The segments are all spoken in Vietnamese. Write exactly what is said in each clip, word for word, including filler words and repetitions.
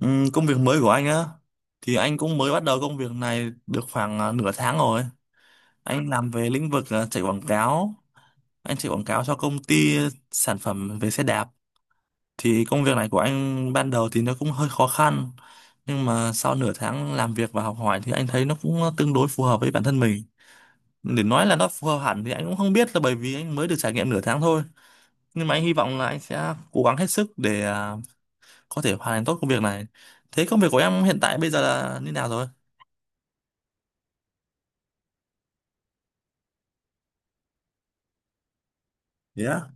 Ừ, công việc mới của anh á thì anh cũng mới bắt đầu công việc này được khoảng à, nửa tháng rồi. Anh làm về lĩnh vực à, chạy quảng cáo. Anh chạy quảng cáo cho công ty sản phẩm về xe đạp. Thì công việc này của anh ban đầu thì nó cũng hơi khó khăn. Nhưng mà sau nửa tháng làm việc và học hỏi thì anh thấy nó cũng tương đối phù hợp với bản thân mình. Để nói là nó phù hợp hẳn thì anh cũng không biết là bởi vì anh mới được trải nghiệm nửa tháng thôi. Nhưng mà anh hy vọng là anh sẽ cố gắng hết sức để à, có thể hoàn thành tốt công việc này. Thế công việc của em hiện tại bây giờ là như nào rồi? Yeah.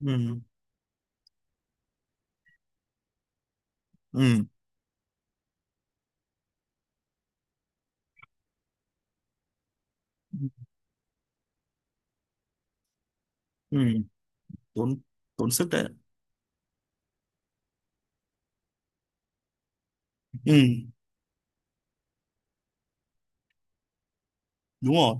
Ừ. Ừ. Ừ. tốn Tốn sức đấy. Ừ. Đúng rồi.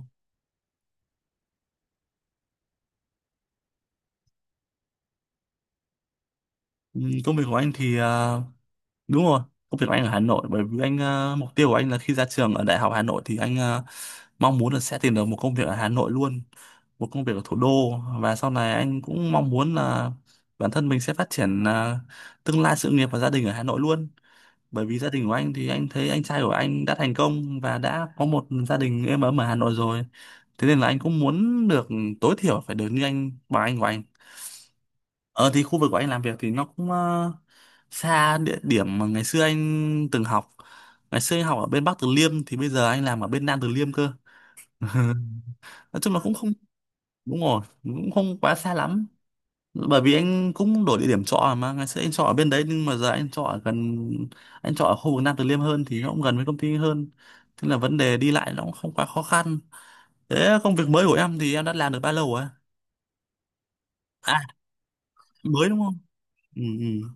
Ừ. Công việc của anh thì à, đúng rồi, công việc của anh ở Hà Nội, bởi vì anh, à, mục tiêu của anh là khi ra trường ở Đại học Hà Nội thì anh à, mong muốn là sẽ tìm được một công việc ở Hà Nội luôn, một công việc ở thủ đô. Và sau này anh cũng mong muốn là bản thân mình sẽ phát triển, à, tương lai sự nghiệp và gia đình ở Hà Nội luôn, bởi vì gia đình của anh thì anh thấy anh trai của anh đã thành công và đã có một gia đình êm ấm ở Hà Nội rồi. Thế nên là anh cũng muốn được tối thiểu phải được như anh, bằng anh của anh. Ờ thì khu vực của anh làm việc thì nó cũng ờ, xa địa điểm mà ngày xưa anh từng học. Ngày xưa anh học ở bên Bắc Từ Liêm thì bây giờ anh làm ở bên Nam Từ Liêm cơ. Nói chung là cũng không, đúng rồi, cũng không quá xa lắm, bởi vì anh cũng đổi địa điểm trọ. Mà ngày xưa anh trọ ở bên đấy nhưng mà giờ anh trọ ở gần, anh trọ ở khu vực Nam Từ Liêm hơn thì nó cũng gần với công ty hơn, thế là vấn đề đi lại nó cũng không quá khó khăn. Thế công việc mới của em thì em đã làm được bao lâu rồi? À, mới đúng không? Ừ. Ừ.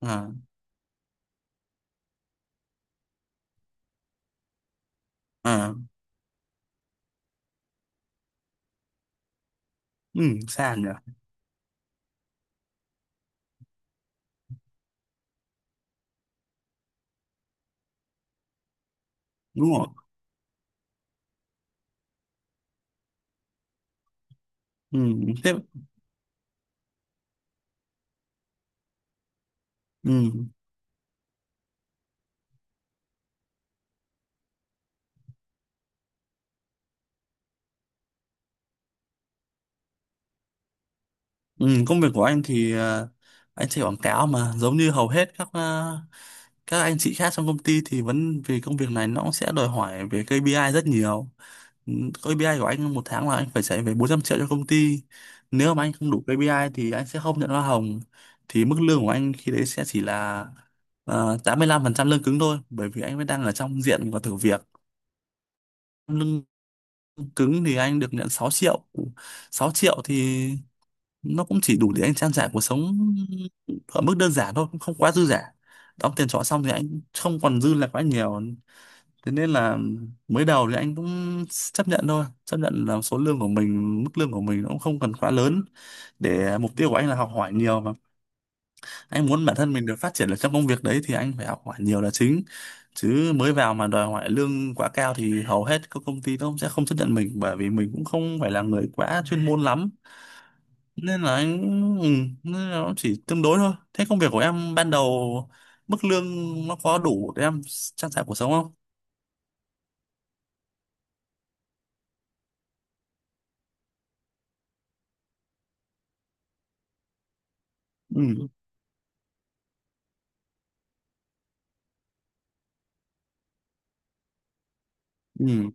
À. À. Ừ. Xa nhỉ. Đúng rồi. Ừ. Thế. Ừ. Ừ, công việc của anh thì ờ, anh chạy quảng cáo mà giống như hầu hết các ờ, các anh chị khác trong công ty, thì vẫn vì công việc này nó cũng sẽ đòi hỏi về kê pi ai rất nhiều. Ừ, kê pi ai của anh một tháng là anh phải chạy về bốn trăm triệu cho công ty. Nếu mà anh không đủ kê pi ai thì anh sẽ không nhận hoa hồng. Thì mức lương của anh khi đấy sẽ chỉ là ờ, tám mươi lăm phần trăm lương cứng thôi, bởi vì anh vẫn đang ở trong diện và thử việc. Lương cứng thì anh được nhận sáu triệu. Sáu triệu thì nó cũng chỉ đủ để anh trang trải cuộc sống ở mức đơn giản thôi, cũng không quá dư giả. Đóng tiền trọ xong thì anh không còn dư là quá nhiều. Thế nên là mới đầu thì anh cũng chấp nhận thôi, chấp nhận là số lương của mình, mức lương của mình nó cũng không cần quá lớn, để mục tiêu của anh là học hỏi nhiều mà. Anh muốn bản thân mình được phát triển ở trong công việc đấy thì anh phải học hỏi nhiều là chính, chứ mới vào mà đòi hỏi lương quá cao thì hầu hết các công ty nó cũng sẽ không chấp nhận mình, bởi vì mình cũng không phải là người quá chuyên môn lắm. Nên là anh ừ, nên là nó chỉ tương đối thôi. Thế công việc của em ban đầu, mức lương nó có đủ để em trang trải cuộc sống không? Ừ. Ừ.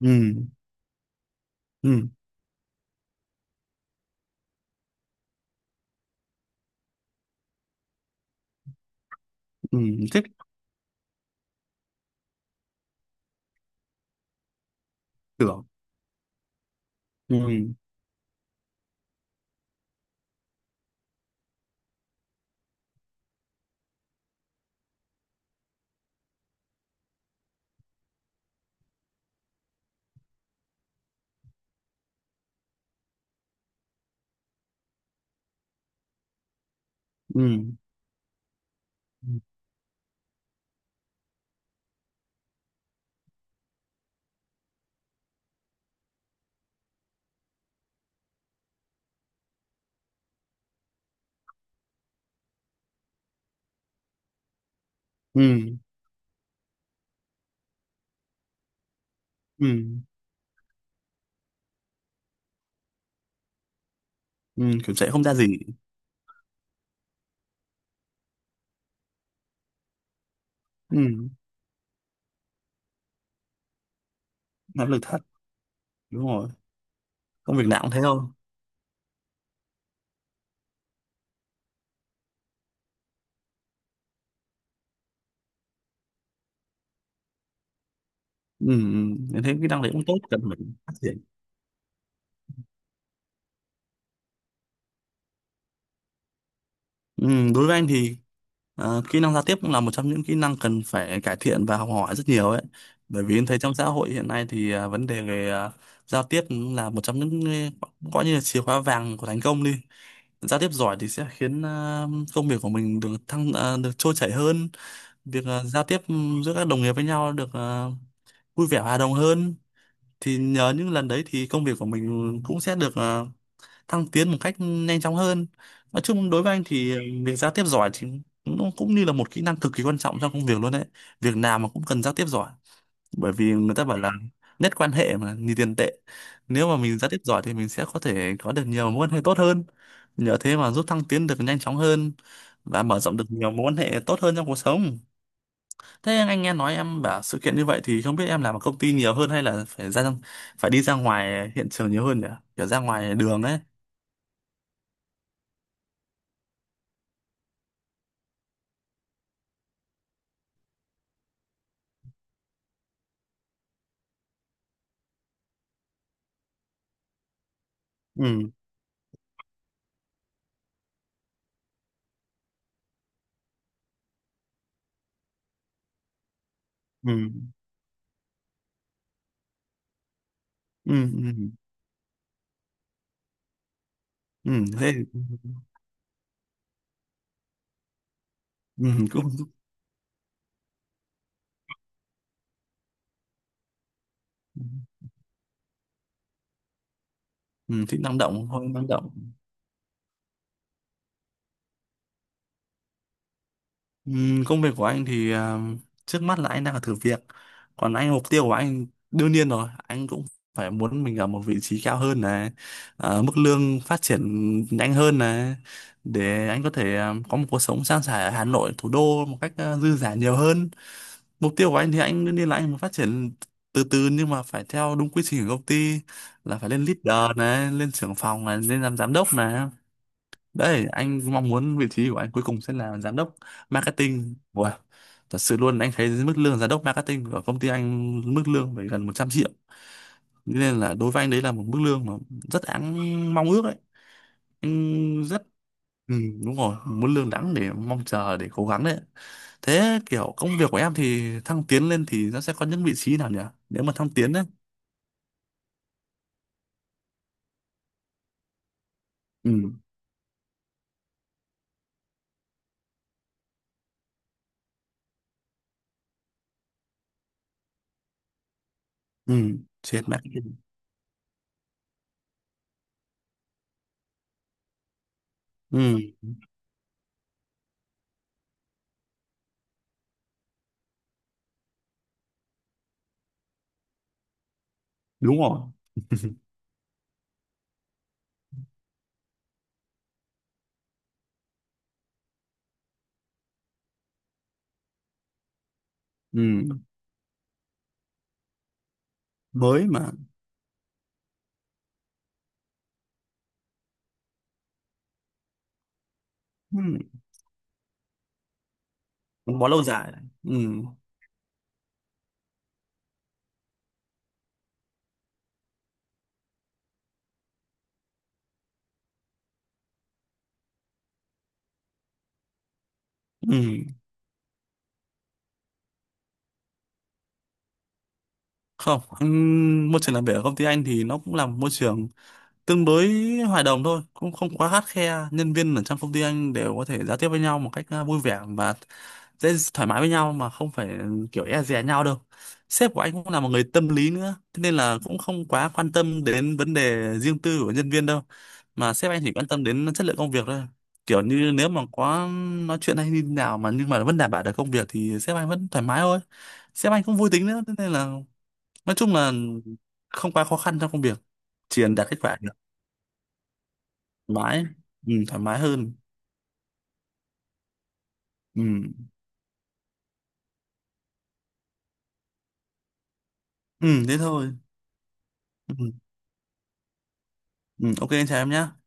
Ừ. Ừ. Ừ. Thích. Tưởng. Ừ. Ừ. Ừ. Ừ. Ừ. Kiểu chạy không ra gì. Ừ. Áp lực thật. Đúng rồi. Công việc nào cũng thế thôi. Ừ. Ừ. Em thấy cái năng lực cũng tốt, cần phải phát triển. Ừ, đối với anh thì ờ, kỹ năng giao tiếp cũng là một trong những kỹ năng cần phải cải thiện và học hỏi rất nhiều ấy. Bởi vì em thấy trong xã hội hiện nay thì ờ, vấn đề về ờ, giao tiếp cũng là một trong những, ờ, coi như là chìa khóa vàng của thành công đi. Giao tiếp giỏi thì sẽ khiến ờ, công việc của mình được thăng ờ, được trôi chảy hơn, việc ờ, giao tiếp giữa các đồng nghiệp với nhau được ờ, vui vẻ hòa đồng hơn. Thì nhờ những lần đấy thì công việc của mình cũng sẽ được ờ, thăng tiến một cách nhanh chóng hơn. Nói chung đối với anh thì ờ, việc giao tiếp giỏi thì nó cũng như là một kỹ năng cực kỳ quan trọng trong công việc luôn đấy, việc nào mà cũng cần giao tiếp giỏi, bởi vì người ta bảo là nhất quan hệ mà như tiền tệ. Nếu mà mình giao tiếp giỏi thì mình sẽ có thể có được nhiều mối quan hệ tốt hơn, nhờ thế mà giúp thăng tiến được nhanh chóng hơn và mở rộng được nhiều mối quan hệ tốt hơn trong cuộc sống. Thế anh nghe nói em bảo sự kiện như vậy thì không biết em làm ở công ty nhiều hơn hay là phải ra phải đi ra ngoài hiện trường nhiều hơn nhỉ, kiểu ra ngoài đường ấy. Ừ. Ừ. Ừ. Ừ. Ừ. Thế. Ừ, cũng. Ừ, thích năng động thôi, năng động. Ừ, công việc của anh thì à, trước mắt là anh đang ở thử việc. Còn anh, mục tiêu của anh đương nhiên rồi, anh cũng phải muốn mình ở một vị trí cao hơn này, à, mức lương phát triển nhanh hơn này, để anh có thể à, có một cuộc sống sang sẻ ở Hà Nội thủ đô một cách à, dư dả nhiều hơn. Mục tiêu của anh thì anh đương nhiên là anh muốn phát triển từ từ, nhưng mà phải theo đúng quy trình của công ty, là phải lên leader này, lên trưởng phòng này, lên làm giám đốc này. Đấy, anh mong muốn vị trí của anh cuối cùng sẽ là giám đốc marketing. Wow. Thật sự luôn, anh thấy mức lương giám đốc marketing ở công ty anh, mức lương phải gần một trăm triệu, nên là đối với anh đấy là một mức lương mà rất đáng mong ước đấy. Anh rất Ừ, đúng rồi, muốn lương đẳng để mong chờ để cố gắng đấy. Thế kiểu công việc của em thì thăng tiến lên thì nó sẽ có những vị trí nào nhỉ? Nếu mà thăng tiến đấy. Ừ. Ừ, chết mẹ. Ừ, đúng rồi. Ừ, mới mà. Ừ, gắn bó lâu dài. Ừ. Ừ. Không, ừ, môi trường làm việc ở công ty anh thì nó cũng là một môi trường tương đối hòa đồng thôi, cũng không quá khắt khe. Nhân viên ở trong công ty anh đều có thể giao tiếp với nhau một cách à, vui vẻ và dễ thoải mái với nhau, mà không phải ừ, kiểu e dè nhau đâu. Sếp của anh cũng là một người tâm lý nữa, thế nên là cũng không quá quan tâm đến vấn đề riêng tư của nhân viên đâu, mà sếp anh chỉ quan tâm đến chất lượng công việc thôi. Kiểu như nếu mà có nói chuyện hay như thế nào mà nhưng mà vẫn đảm bảo được công việc thì sếp anh vẫn thoải mái thôi. Sếp anh cũng vui tính nữa, thế nên là nói chung là không quá khó khăn trong công việc, chỉ cần đạt kết quả. Thoải mái. Ừ, thoải mái hơn. Ừ. Ừ thế thôi. Ừ. Ừ, ok anh chào em nhé.